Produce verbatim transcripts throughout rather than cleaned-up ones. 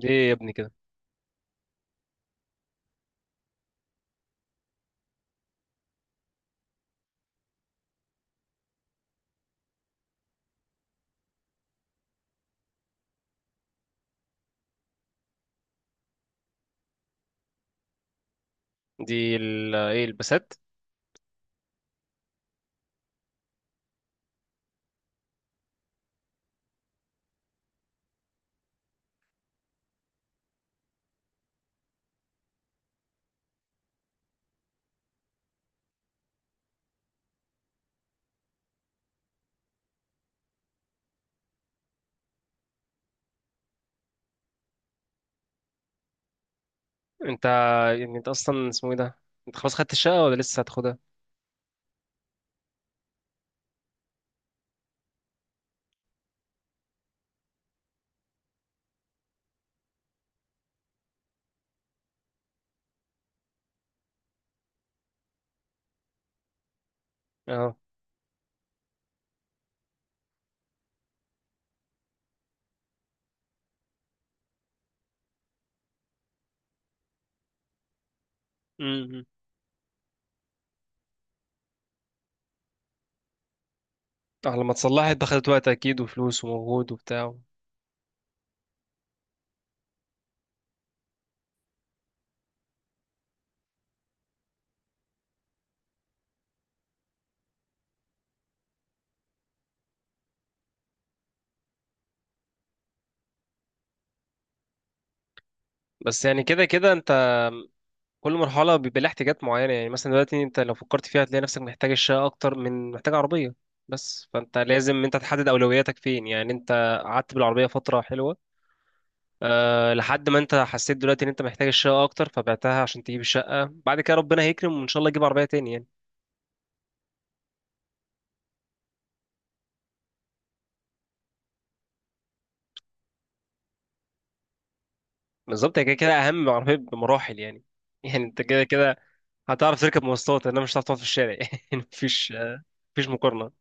دي إيه يا ابني كده؟ دي ال ايه؟ البسات. انت يعني انت اصلا اسمه ايه ده، انت خلاص خدت الشقة ولا لسه هتاخدها؟ اه. امم. اه، لما تصلحها انت خدت وقت اكيد وفلوس ومجهود وبتاع. بس يعني كده كده انت كل مرحلة بيبقى لها احتياجات معينة، يعني مثلا دلوقتي انت لو فكرت فيها هتلاقي نفسك محتاج الشقة اكتر من محتاج عربية. بس فانت لازم انت تحدد اولوياتك فين، يعني انت قعدت بالعربية فترة حلوة أه لحد ما انت حسيت دلوقتي ان انت محتاج الشقة اكتر فبعتها عشان تجيب الشقة، بعد كده ربنا هيكرم وان شاء الله تجيب عربية تاني يعني. بالظبط هي كده كده اهم من العربيه بمراحل يعني يعني انت كده كده هتعرف تركب مواصلات انما مش هتعرف تقعد في الشارع يعني. مفيش مفيش مقارنه.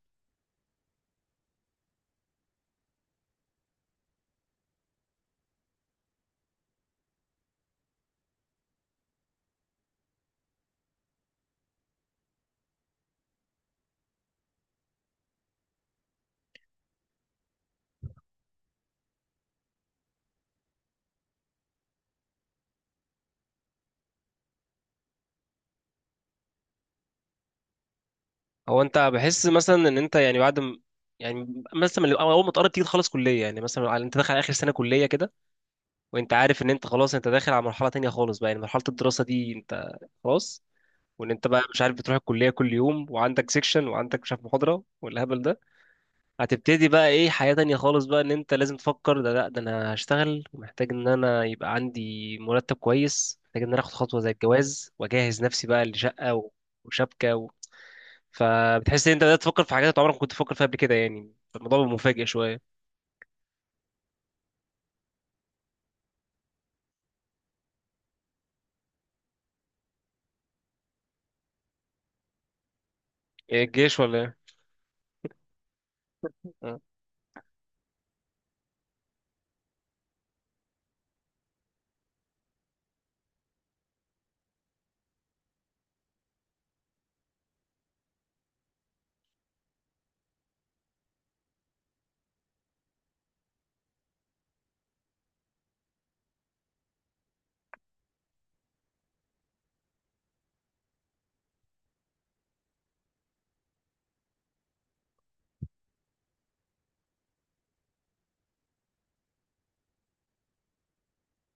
هو انت بحس مثلا ان انت يعني بعد م- يعني مثلا من- اول ما تقرب تيجي تخلص كليه، يعني مثلا على انت داخل على اخر سنه كليه كده، وانت عارف ان انت خلاص انت داخل على مرحله تانية خالص بقى، يعني مرحله الدراسه دي انت خلاص. وان انت بقى مش عارف بتروح الكليه كل يوم وعندك سيكشن وعندك مش عارف محاضره والهبل ده، هتبتدي بقى ايه حياة تانية خالص بقى ان انت لازم تفكر ده، لا ده انا هشتغل ومحتاج ان انا يبقى عندي مرتب كويس، محتاج ان انا اخد خطوة زي الجواز واجهز نفسي بقى لشقة و- وشبكة و... فبتحس ان انت بدأت تفكر في حاجات انت عمرك ما كنت تفكر فيها قبل كده، يعني الموضوع بيبقى مفاجئ شوية. ايه الجيش ولا ايه؟ آه.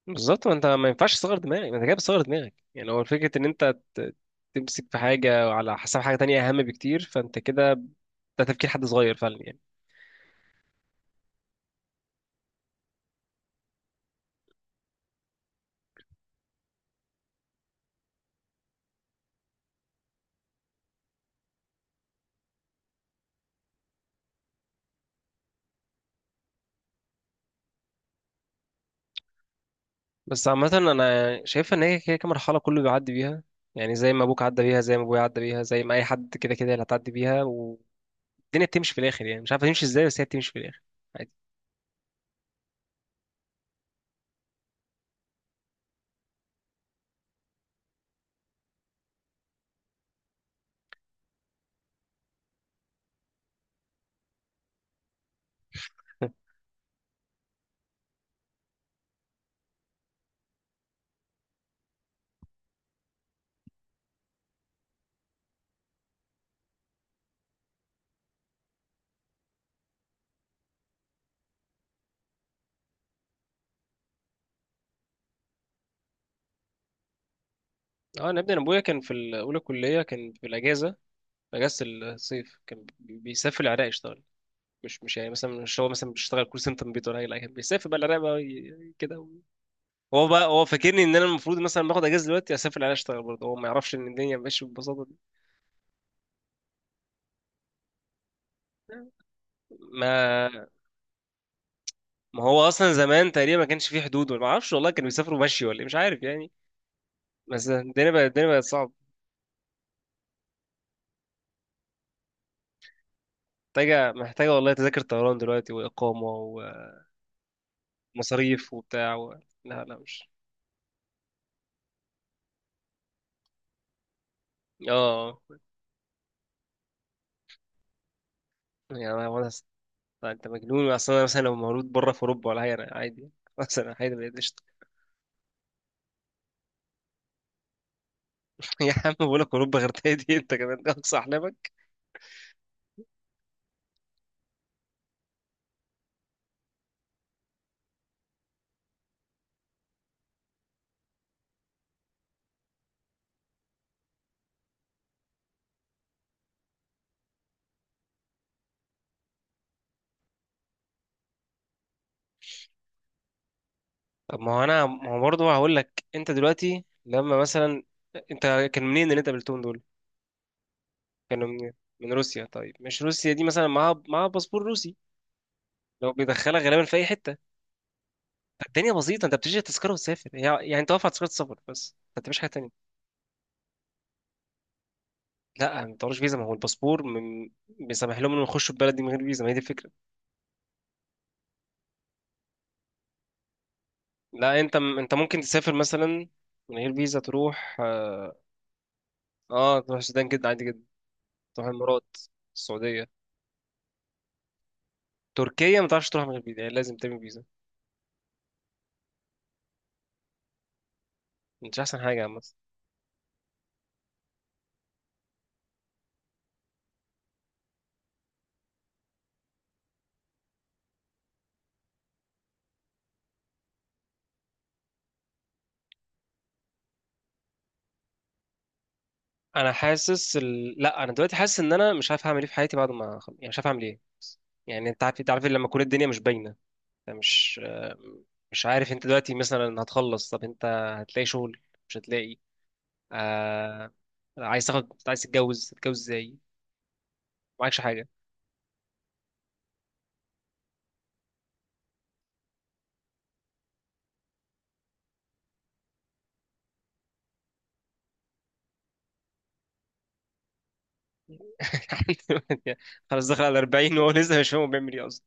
بالظبط. ما انت ما ينفعش تصغر دماغك، ما انت كده بتصغر دماغك، يعني هو فكرة ان انت ت- تمسك في حاجة على حساب حاجة تانية اهم بكتير، فانت كده ده تفكير حد صغير فعلا يعني. بس عامة أنا شايفها إن هي كده كده مرحلة كله بيعدي بيها، يعني زي ما أبوك عدى بيها، زي ما أبويا عدى بيها، زي ما أي حد كده كده اللي هتعدي بيها، والدنيا بتمشي في الآخر، يعني مش عارف تمشي إزاي بس هي بتمشي في الآخر عادي. أه أنا ابني أنا أبويا كان في ال- أولى كلية كان في الأجازة، أجازة الصيف، كان بي- بيسافر العراق يشتغل. مش مش يعني مثلا مش هو مثلا بيشتغل كول سنتر من بيته ولا حاجة، لا كان بيسافر بقى العراق بقى ي- كده و- هو بقى هو فاكرني إن أنا المفروض مثلا باخد أجازة دلوقتي أسافر العراق أشتغل برضه، هو ما يعرفش إن الدنيا ماشية بالبساطة دي. ما ما هو اصلا زمان تقريبا ما كانش فيه حدود، ولا ما اعرفش والله كانوا بيسافروا مشي ولا إيه، مش عارف يعني. بس الدنيا بقت، الدنيا بقت صعبه. محتاجه محتاجه والله تذاكر طيران دلوقتي واقامه ومصاريف وبتاع و... لا لا مش اه، يعني انا وأنا س- انت مجنون اصلا، انا مثلا لو مولود بره في اوروبا ولا حاجه انا عادي يعني. مثلا عادي ما قشطه. يا عم بقول لك اوروبا غير دي انت كمان ده اقصى احلامك. طب ما هو انا، ما هو برضه هقول لك انت دلوقتي لما مثلا انت كان منين اللي انت قابلتهم دول؟ كانوا من، من روسيا؟ طيب مش روسيا دي مثلا معاها، معاها باسبور روسي لو بيدخلها غالبا في اي حته الدنيا بسيطه، انت بتشتري تذكره وتسافر، هي- يعني انت واقف على تذكره سفر بس ما بتعملش حاجه تانية. لا ما بتعملش فيزا، ما هو الباسبور من... بيسمح لهم انهم يخشوا البلد دي من غير فيزا، ما هي دي الفكره. لا انت م... انت ممكن تسافر مثلا من غير فيزا تروح اه، آه، تروح السودان جدا عادي جدا. تروح الامارات، السعوديه. تركيا ما تعرفش تروح من غير فيزا، يعني لازم تعمل فيزا، مش احسن حاجه عامه. انا حاسس ال... لا انا دلوقتي حاسس ان انا مش عارف هعمل ايه في حياتي بعد ما أخلص. يعني مش عارف اعمل ايه، يعني انت عارف، انت عارف لما تكون الدنيا مش باينه، انت مش آه، مش عارف. انت دلوقتي مثلا هتخلص، طب انت هتلاقي شغل مش هتلاقي؟ آه... عايز تاخد، عايز تتجوز، تتجوز ازاي معكش حاجه؟ خلاص دخل على أربعين وهو لسه مش فاهم هو بيعمل ايه اصلا.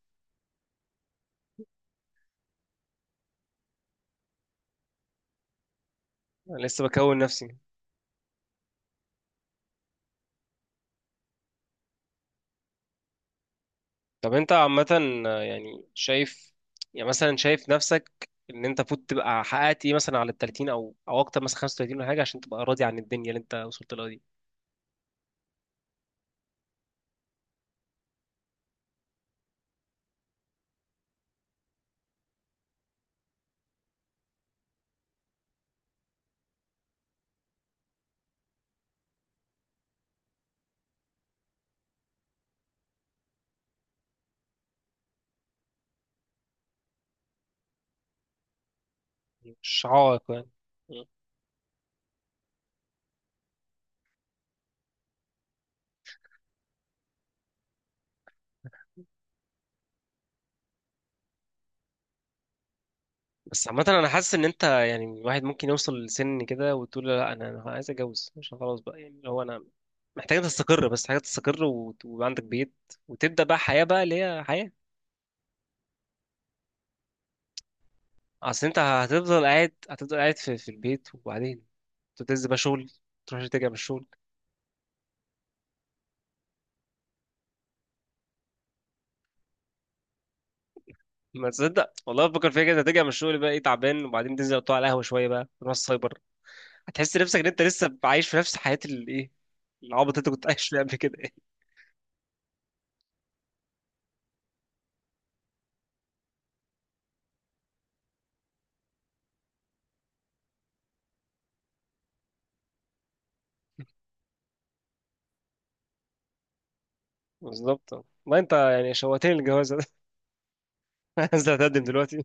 انا لسه بكون نفسي. طب انت عامه آه، يعني شايف، يعني مثلا شايف نفسك ان انت فوت تبقى حققت ايه مثلا على ال ثلاثين او او اكتر، مثلا خمسة وثلاثين ولا حاجه، عشان تبقى راضي عن الدنيا اللي انت وصلت لها دي؟ مش عائق يعني. بس عامة أنا حاسس إن أنت يعني الواحد ممكن يوصل لسن كده وتقول له لا أنا، أنا عايز أتجوز عشان خلاص بقى، يعني اللي هو أنا محتاج تستقر، بس محتاج تستقر وت- ويبقى عندك بيت وتبدأ بقى حياة بقى اللي هي حياة. أصل أنت هتفضل قاعد، هتفضل قاعد في, في البيت وبعدين تنزل بقى شغل تروح، ترجع من الشغل. ما تصدق والله بفكر فيها كده، ترجع من الشغل بقى إيه تعبان، وبعدين تنزل تقعد على القهوة شوية بقى تروح السايبر، هتحس نفسك إن أنت لسه عايش في نفس حياة الإيه، العبط اللي أنت كنت عايش فيها قبل كده يعني. بالظبط، ما أنت يعني شوقتني للجواز. عايز تقدم دلوقتي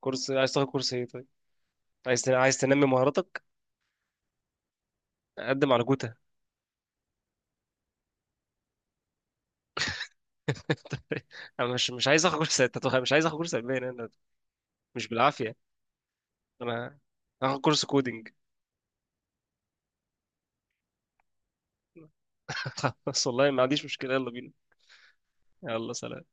كورس؟ عايز تاخد كورس ايه طيب؟ عايز تن... عايز تنمي مهاراتك؟ قدم على جوتا. انا مش، مش عايز اخد كورس تتوخ... مش عايز اخد كورس الماني انا، مش بالعافيه. انا هاخد كورس كودينج. خلاص والله ما عنديش مشكله، يلا بينا. يلا سلام.